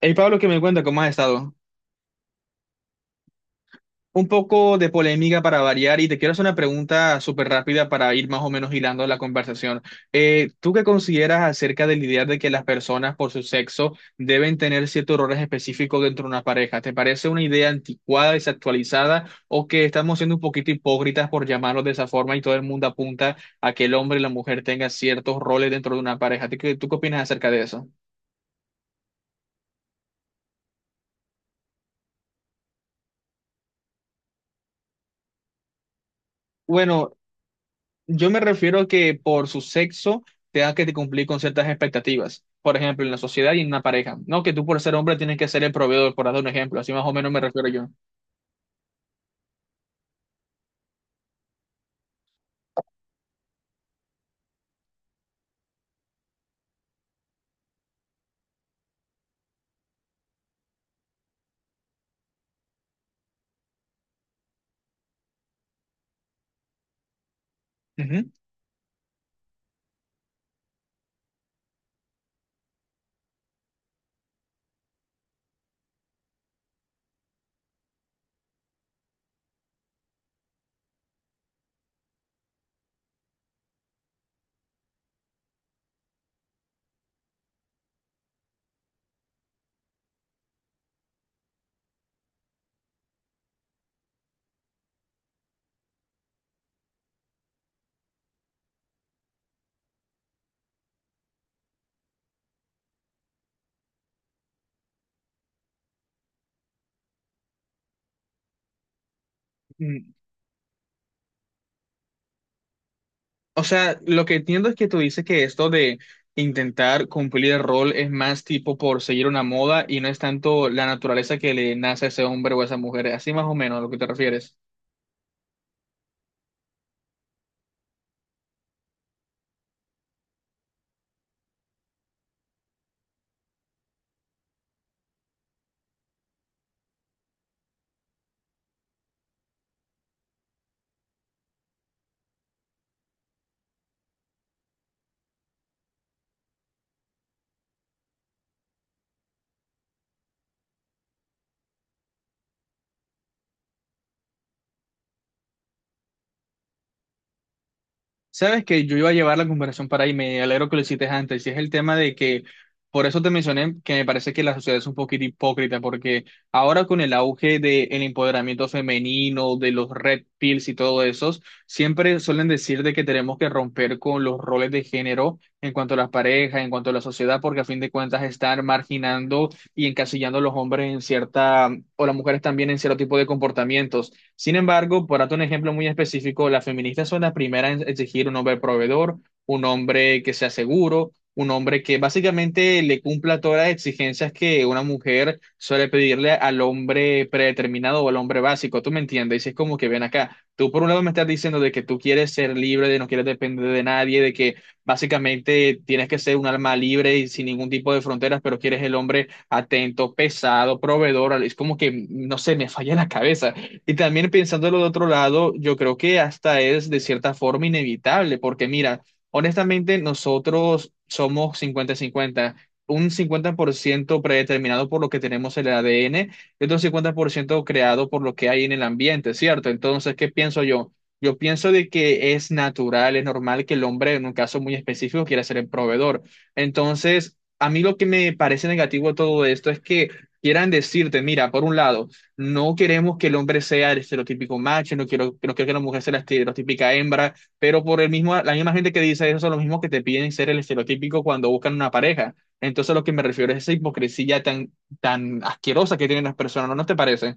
Hey Pablo, que me cuenta cómo has estado. Un poco de polémica para variar y te quiero hacer una pregunta súper rápida para ir más o menos hilando la conversación. ¿Tú qué consideras acerca de la idea de que las personas por su sexo deben tener ciertos roles específicos dentro de una pareja? ¿Te parece una idea anticuada, desactualizada o que estamos siendo un poquito hipócritas por llamarlo de esa forma y todo el mundo apunta a que el hombre y la mujer tengan ciertos roles dentro de una pareja? ¿Tú qué opinas acerca de eso? Bueno, yo me refiero a que por su sexo tengas que cumplir con ciertas expectativas. Por ejemplo, en la sociedad y en una pareja. No que tú por ser hombre tienes que ser el proveedor, por dar un ejemplo. Así más o menos me refiero yo. Ujú. Mm. O sea, lo que entiendo es que tú dices que esto de intentar cumplir el rol es más tipo por seguir una moda y no es tanto la naturaleza que le nace a ese hombre o a esa mujer. Así más o menos a lo que te refieres. Sabes que yo iba a llevar la comparación para ahí, me alegro que lo hiciste antes, y es el tema de que, por eso te mencioné que me parece que la sociedad es un poquito hipócrita, porque ahora con el auge del empoderamiento femenino, de los red pills y todo eso, siempre suelen decir de que tenemos que romper con los roles de género en cuanto a las parejas, en cuanto a la sociedad, porque a fin de cuentas están marginando y encasillando a los hombres en cierta, o las mujeres también en cierto tipo de comportamientos. Sin embargo, por darte un ejemplo muy específico, las feministas son las primeras en exigir un hombre proveedor, un hombre que sea seguro, un hombre que básicamente le cumpla todas las exigencias que una mujer suele pedirle al hombre predeterminado o al hombre básico. ¿Tú me entiendes? Y es como que ven acá. Tú por un lado me estás diciendo de que tú quieres ser libre, de no quieres depender de nadie, de que básicamente tienes que ser un alma libre y sin ningún tipo de fronteras, pero quieres el hombre atento, pesado, proveedor. Es como que, no sé, me falla la cabeza. Y también pensándolo de otro lado, yo creo que hasta es de cierta forma inevitable, porque mira, honestamente nosotros somos 50 cincuenta un 50% predeterminado por lo que tenemos en el ADN y otro 50% creado por lo que hay en el ambiente, ¿cierto? Entonces, ¿qué pienso yo? Yo pienso de que es natural, es normal que el hombre, en un caso muy específico, quiera ser el proveedor. Entonces, a mí lo que me parece negativo de todo esto es que quieran decirte, mira, por un lado, no queremos que el hombre sea el estereotípico macho, no quiero, no quiero que la mujer sea la estereotípica hembra, pero por el mismo, la misma gente que dice eso son los mismos que te piden ser el estereotípico cuando buscan una pareja. Entonces, a lo que me refiero es esa hipocresía tan, tan asquerosa que tienen las personas, ¿No te parece?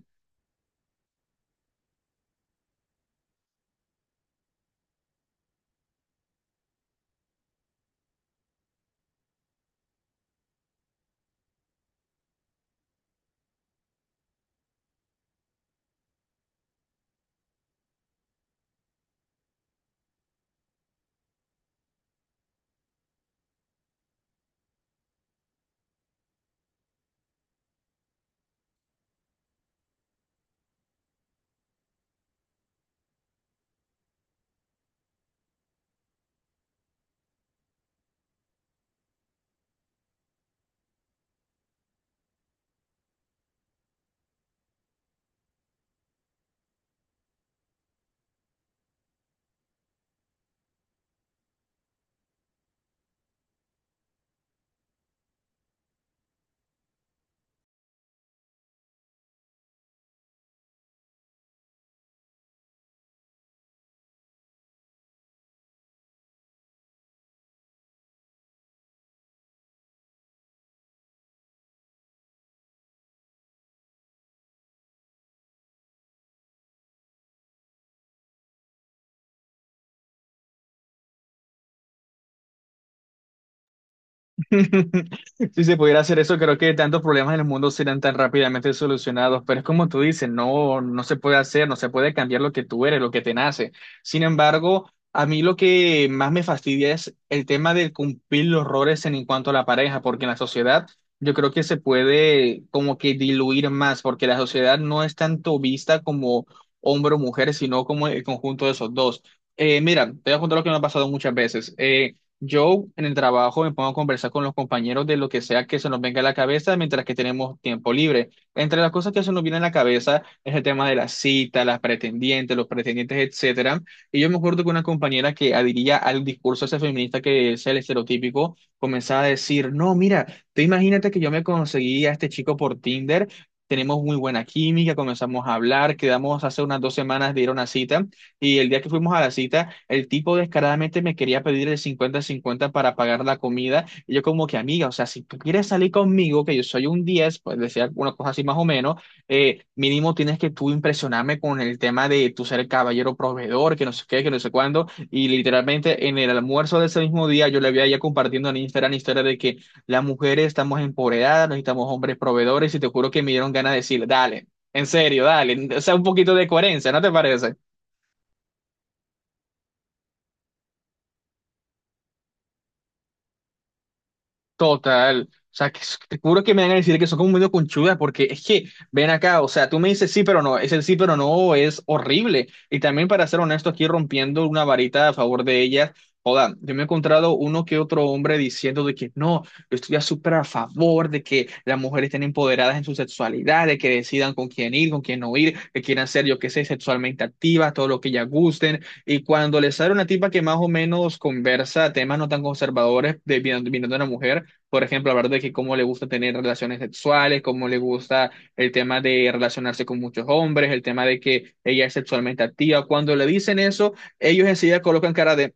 Si se pudiera hacer eso, creo que tantos problemas en el mundo serían tan rápidamente solucionados, pero es como tú dices, no, no se puede hacer, no se puede cambiar lo que tú eres, lo que te nace. Sin embargo, a mí lo que más me fastidia es el tema de cumplir los roles en cuanto a la pareja, porque en la sociedad yo creo que se puede como que diluir más, porque la sociedad no es tanto vista como hombre o mujer, sino como el conjunto de esos dos. Mira, te voy a contar lo que me ha pasado muchas veces. Yo en el trabajo me pongo a conversar con los compañeros de lo que sea que se nos venga a la cabeza mientras que tenemos tiempo libre. Entre las cosas que se nos viene a la cabeza es el tema de las citas, las pretendientes, los pretendientes, etcétera. Y yo me acuerdo que una compañera que adhería al discurso ese feminista que es el estereotípico, comenzaba a decir, no, mira, tú imagínate que yo me conseguí a este chico por Tinder. Tenemos muy buena química, comenzamos a hablar, quedamos hace unas 2 semanas de ir a una cita y el día que fuimos a la cita, el tipo descaradamente me quería pedir el 50 cincuenta para pagar la comida. Y yo como que, amiga, o sea, si tú quieres salir conmigo, que yo soy un 10 pues decía una cosa así más o menos, mínimo tienes que tú impresionarme con el tema de tu ser el caballero proveedor, que no sé qué, que no sé cuándo. Y literalmente en el almuerzo de ese mismo día yo le había ya compartiendo en Instagram historia de que las mujeres estamos empoderadas, necesitamos hombres proveedores y te juro que me dieron ganas de decir, dale, en serio, dale, o sea, un poquito de coherencia, ¿no te parece? Total. O sea, que, s- te juro que me van a decir que son como medio conchudas, porque es que, ven acá, o sea, tú me dices sí, pero no, es el sí, pero no, es horrible. Y también, para ser honesto, aquí rompiendo una varita a favor de ellas, joda, yo me he encontrado uno que otro hombre diciendo de que no, yo estoy ya súper a favor de que las mujeres estén empoderadas en su sexualidad, de que decidan con quién ir, con quién no ir, que quieran ser, yo qué sé, sexualmente activas, todo lo que ellas gusten. Y cuando les sale una tipa que más o menos conversa temas no tan conservadores de, viniendo de una mujer, por ejemplo, hablar de que cómo le gusta tener relaciones sexuales, cómo le gusta el tema de relacionarse con muchos hombres, el tema de que ella es sexualmente activa. Cuando le dicen eso, ellos enseguida colocan cara de,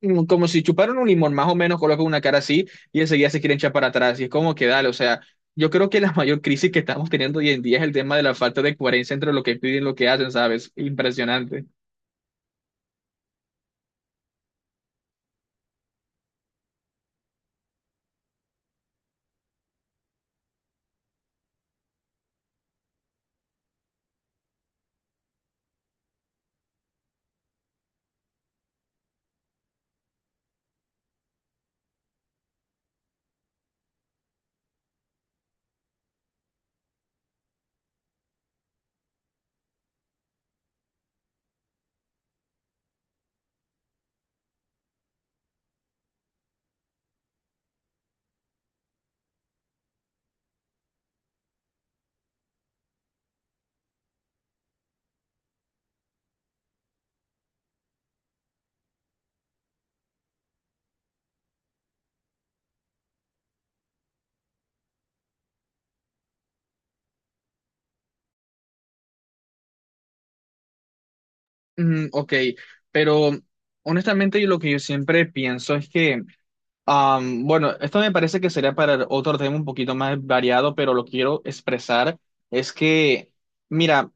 mm, como si chuparan un limón, más o menos colocan una cara así y enseguida se quieren echar para atrás. Y es como que dale, o sea, yo creo que la mayor crisis que estamos teniendo hoy en día es el tema de la falta de coherencia entre lo que piden y lo que hacen, ¿sabes? Impresionante. Mm, ok, pero honestamente yo lo que yo siempre pienso es que... Bueno, esto me parece que sería para otro tema un poquito más variado, pero lo quiero expresar. Es que, mira,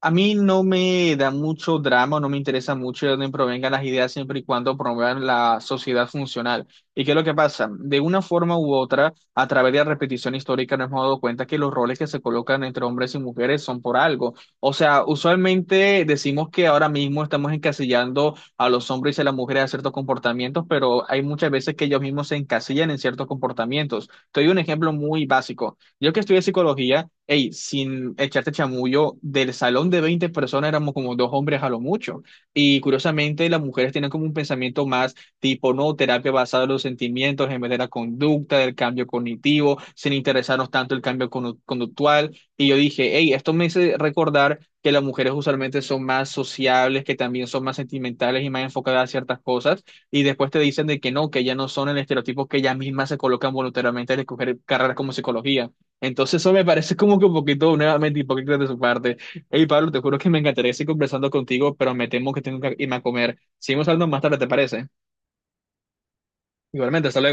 a mí no me da mucho drama, no me interesa mucho de dónde provengan las ideas siempre y cuando promuevan la sociedad funcional. ¿Y qué es lo que pasa? De una forma u otra, a través de la repetición histórica, nos hemos dado cuenta que los roles que se colocan entre hombres y mujeres son por algo. O sea, usualmente decimos que ahora mismo estamos encasillando a los hombres y a las mujeres a ciertos comportamientos, pero hay muchas veces que ellos mismos se encasillan en ciertos comportamientos. Te doy un ejemplo muy básico. Yo que estudié psicología, hey, sin echarte chamullo, del salón de 20 personas éramos como dos hombres a lo mucho. Y curiosamente, las mujeres tienen como un pensamiento más tipo, no, terapia basada en los sentimientos en vez de la conducta, del cambio cognitivo, sin interesarnos tanto el cambio conductual. Y yo dije, hey, esto me hace recordar que las mujeres usualmente son más sociables, que también son más sentimentales y más enfocadas a ciertas cosas, y después te dicen de que no, que ya no son el estereotipo que ellas mismas se colocan voluntariamente al escoger carreras como psicología. Entonces eso me parece como que un poquito nuevamente hipócrita de su parte. Hey Pablo, te juro que me encantaría seguir conversando contigo, pero me temo que tengo que irme a comer. Seguimos hablando más tarde, ¿te parece? Igualmente, hasta luego.